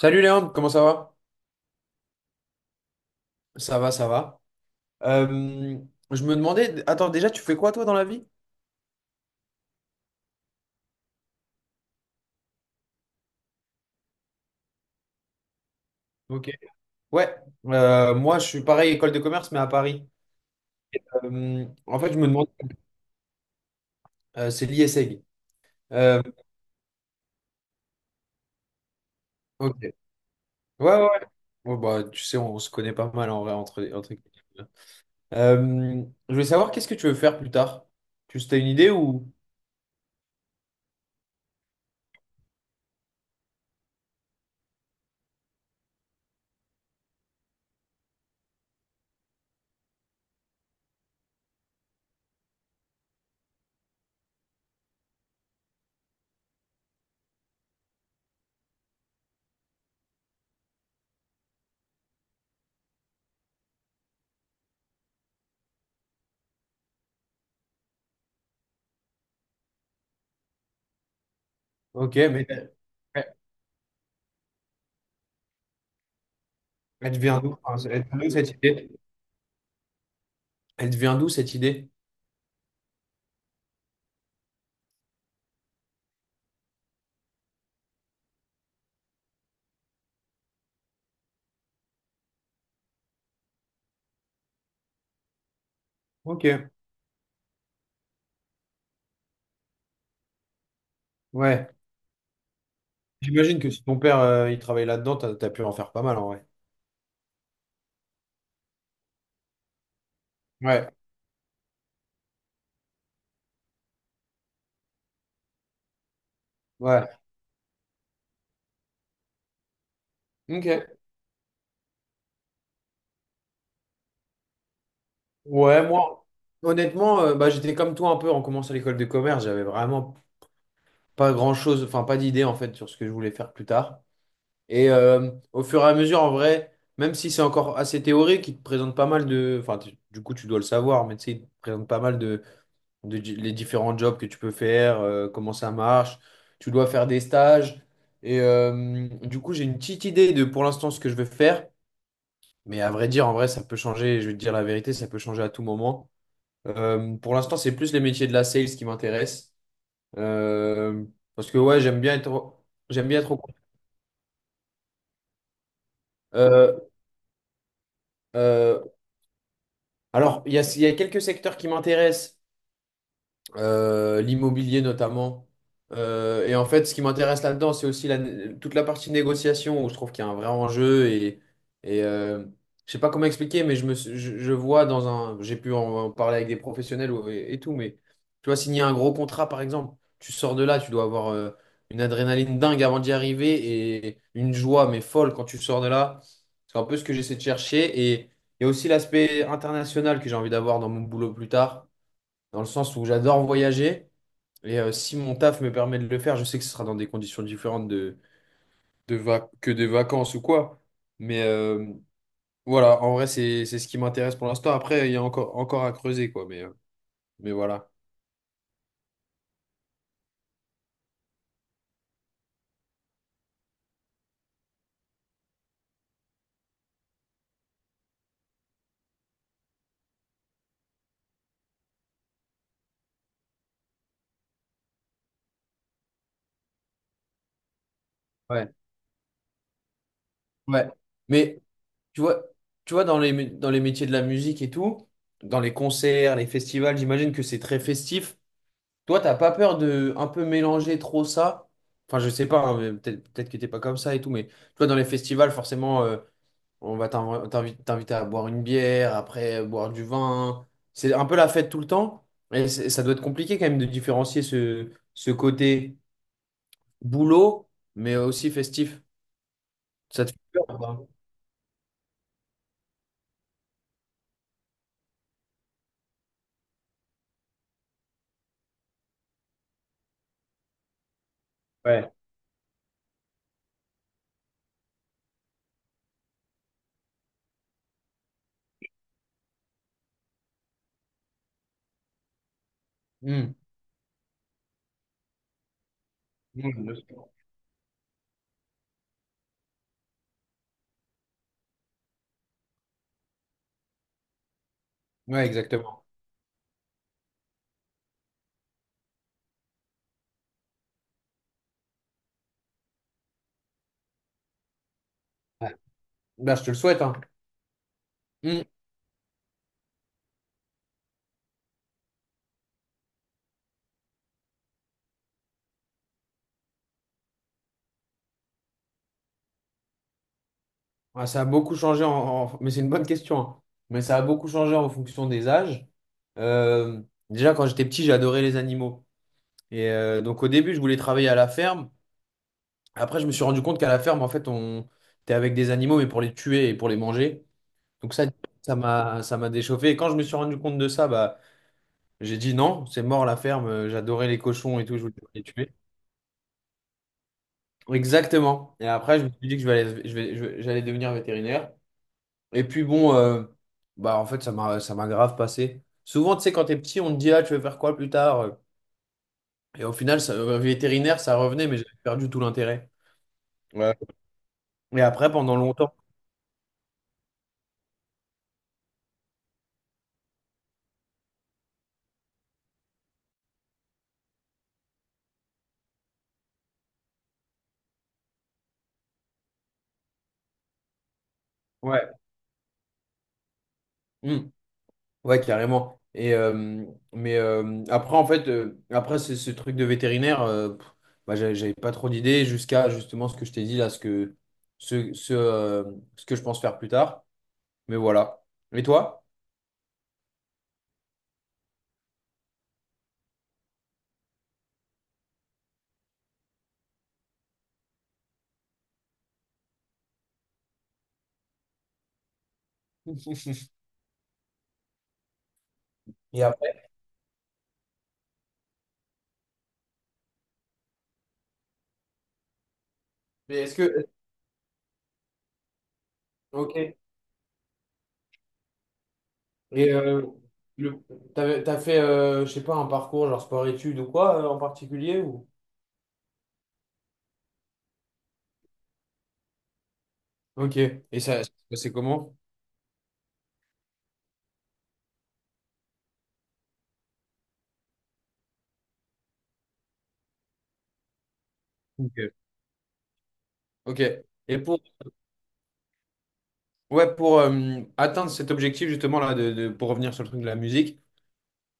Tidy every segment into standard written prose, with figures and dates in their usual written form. Salut Léandre, comment ça va? Ça va, ça va. Euh, je me demandais, attends, déjà, tu fais quoi toi dans la vie? Ok. Ouais, moi je suis pareil, école de commerce, mais à Paris. En fait, je me demandais, c'est l'ISEG. Euh, ok. Ouais, ouais. Bon, bah, tu sais, on se connaît pas mal en vrai entre... Euh, je voulais savoir, qu'est-ce que tu veux faire plus tard? Tu as une idée ou... Ok, mais elle te vient d'où? Enfin, elle te vient d'où cette idée? Elle te vient d'où cette idée? Ok, ouais. J'imagine que si ton père il travaille là-dedans, t'as pu en faire pas mal en vrai. Ouais, ouais. Ok. Ouais, moi, honnêtement, bah, j'étais comme toi un peu en commençant l'école de commerce, j'avais vraiment pas grand-chose, enfin pas d'idée en fait sur ce que je voulais faire plus tard. Et au fur et à mesure, en vrai, même si c'est encore assez théorique, il te présente pas mal enfin du coup tu dois le savoir, mais tu sais, il te présente pas mal les différents jobs que tu peux faire, comment ça marche, tu dois faire des stages. Et du coup, j'ai une petite idée de pour l'instant ce que je veux faire. Mais à vrai dire, en vrai, ça peut changer. Je vais te dire la vérité, ça peut changer à tout moment. Pour l'instant, c'est plus les métiers de la sales qui m'intéressent. Euh, parce que ouais, j'aime bien être Euh, euh, alors, il y a quelques secteurs qui m'intéressent. Euh, l'immobilier notamment. Et en fait, ce qui m'intéresse là-dedans, c'est aussi toute la partie négociation où je trouve qu'il y a un vrai enjeu. Et euh, je sais pas comment expliquer, mais je me, suis- je vois dans un. J'ai pu en parler avec des professionnels et tout, mais tu vois, signer un gros contrat, par exemple, tu sors de là, tu dois avoir une adrénaline dingue avant d'y arriver et une joie, mais folle quand tu sors de là. C'est un peu ce que j'essaie de chercher. Et il y a aussi l'aspect international que j'ai envie d'avoir dans mon boulot plus tard dans le sens où j'adore voyager. Et si mon taf me permet de le faire, je sais que ce sera dans des conditions différentes que des vacances ou quoi. Mais voilà, en vrai, c'est ce qui m'intéresse pour l'instant. Après, il y a encore à creuser, quoi. Mais voilà. Ouais, ouais. Mais tu vois, tu vois dans dans les métiers de la musique et tout, dans les concerts, les festivals, j'imagine que c'est très festif. Toi, t'as pas peur de un peu mélanger trop ça? Enfin, je sais pas, hein, mais peut-être que t'es pas comme ça et tout, mais tu vois, dans les festivals, forcément. Euh, on va t'inviter à boire une bière, après boire du vin. C'est un peu la fête tout le temps. Et ça doit être compliqué quand même de différencier ce côté boulot, mais aussi festif. Ça te fait peur ou pas? Ouais. Hmm. Hmm, bien sûr. Ouais, exactement. Ouais. Bah, je te le souhaite, hein. Hmm. Ah, ça a beaucoup changé en... Mais c'est une bonne question, hein. Mais ça a beaucoup changé en fonction des âges. Euh, déjà, quand j'étais petit, j'adorais les animaux. Et donc au début, je voulais travailler à la ferme. Après, je me suis rendu compte qu'à la ferme, en fait, on t'es avec des animaux, mais pour les tuer et pour les manger. Donc ça, ça m'a déchauffé. Et quand je me suis rendu compte de ça, bah, j'ai dit non, c'est mort la ferme. J'adorais les cochons et tout, je voulais pas les tuer. Exactement. Et après, je me suis dit que je vais aller- je vais- j'allais devenir vétérinaire. Et puis bon, bah en fait, ça m'a grave passé. Souvent, tu sais, quand t'es petit, on te dit ah, tu veux faire quoi plus tard? Et au final, vétérinaire, ça revenait, mais j'avais perdu tout l'intérêt. Ouais. Et après, pendant longtemps. Ouais. Hmm. Ouais, carrément. Et, mais après, en fait, après ce, ce truc de vétérinaire, bah, j'avais pas trop d'idées jusqu'à justement ce que je t'ai dit là, ce, ce, euh, ce que je pense faire plus tard. Mais voilà. Et toi? Et après, mais est-ce que. Ok. Et le, t'as fait, je sais pas, un parcours genre sport-études ou quoi en particulier ou... Ok. Et ça, c'est comment? Ok. Ok. Et pour, ouais, pour atteindre cet objectif, justement, là, pour revenir sur le truc de la musique,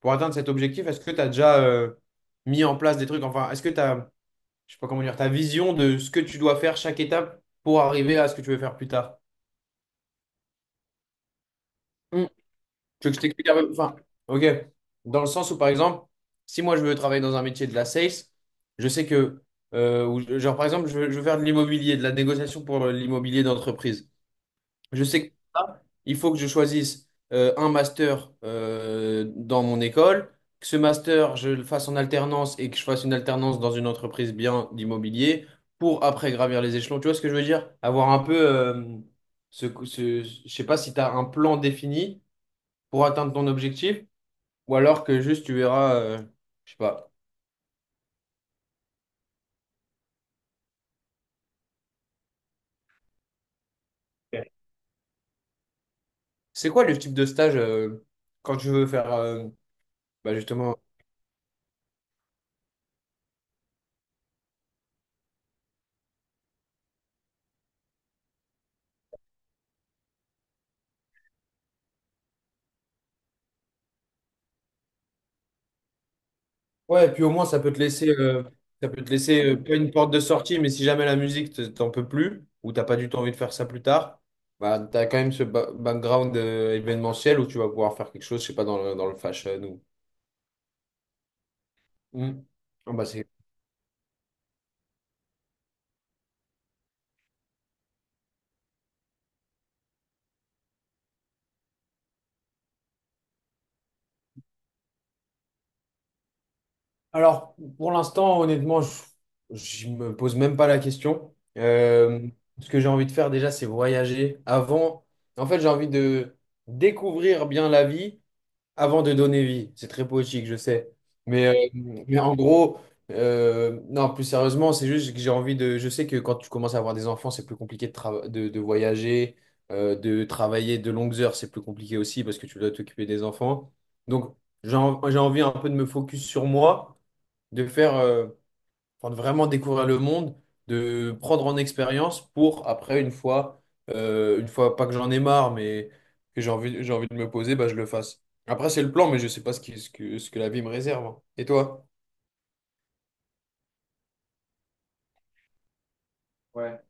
pour atteindre cet objectif, est-ce que tu as déjà mis en place des trucs? Enfin, est-ce que tu as, je sais pas comment dire, ta vision de ce que tu dois faire chaque étape pour arriver à ce que tu veux faire plus tard? Mm. Tu veux que je t'explique un peu? Enfin, ok. Dans le sens où, par exemple, si moi je veux travailler dans un métier de la sales, je sais que, ou genre par exemple, je veux faire de l'immobilier, de la négociation pour l'immobilier d'entreprise. Je sais que là, il faut que je choisisse un master dans mon école, que ce master, je le fasse en alternance et que je fasse une alternance dans une entreprise bien d'immobilier pour après gravir les échelons. Tu vois ce que je veux dire? Avoir un peu je sais pas si tu as un plan défini pour atteindre ton objectif ou alors que juste tu verras, je sais pas. C'est quoi le type de stage quand tu veux faire bah, justement. Ouais, et puis au moins, ça peut te laisser pas une porte de sortie, mais si jamais la musique, t'en peux plus, ou t'as pas du tout envie de faire ça plus tard, bah, t'as quand même ce background événementiel où tu vas pouvoir faire quelque chose, je sais pas, dans dans le fashion ou... Hmm. Ah bah, alors, pour l'instant, honnêtement, je me pose même pas la question. Ce que j'ai envie de faire déjà, c'est voyager. Avant, en fait, j'ai envie de découvrir bien la vie. Avant de donner vie, c'est très poétique, je sais. Mais, oui, mais en gros, non, plus sérieusement, c'est juste que j'ai envie de. Je sais que quand tu commences à avoir des enfants, c'est plus compliqué de voyager, de travailler de longues heures, c'est plus compliqué aussi parce que tu dois t'occuper des enfants. Donc, j'ai envie un peu de me focus sur moi, de faire. Enfin, de vraiment découvrir le monde, de prendre en expérience pour après, une fois, pas que j'en ai marre, mais que j'ai envie de me poser, bah, je le fasse. Après, c'est le plan, mais je sais pas ce que la vie me réserve, hein. Et toi? Ouais.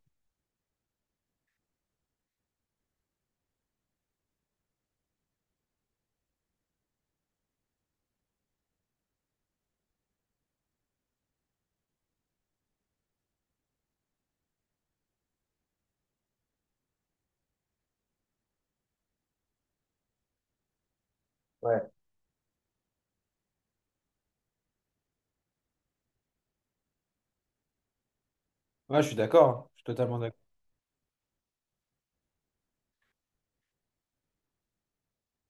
Ouais. Ouais, je suis d'accord. Je suis totalement d'accord.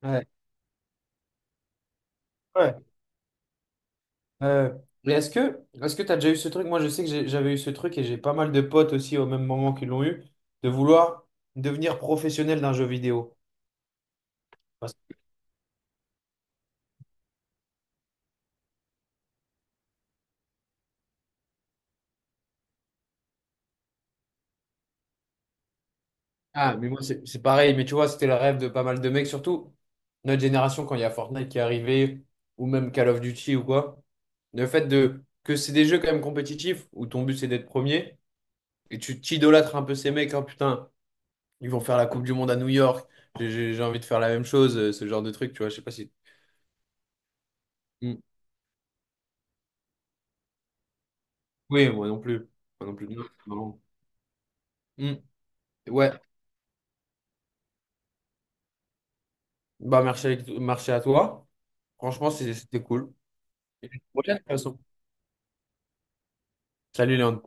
Ouais. Ouais. Euh, mais est-ce que tu as déjà eu ce truc? Moi, je sais que j'avais eu ce truc et j'ai pas mal de potes aussi au même moment qu'ils l'ont eu, de vouloir devenir professionnel d'un jeu vidéo. Ah, mais moi, c'est pareil. Mais tu vois, c'était le rêve de pas mal de mecs, surtout notre génération, quand il y a Fortnite qui est arrivé, ou même Call of Duty ou quoi. Le fait de que c'est des jeux quand même compétitifs, où ton but c'est d'être premier, et tu t'idolâtres un peu ces mecs, hein, putain, ils vont faire la Coupe du Monde à New York, j'ai envie de faire la même chose, ce genre de truc, tu vois. Je sais pas si. Mm. Oui, moi non plus. Moi non plus. Non, non. Mm. Ouais, bah, merci à toi. Franchement, c'était cool. Et à la prochaine, de toute façon. Salut, Léon.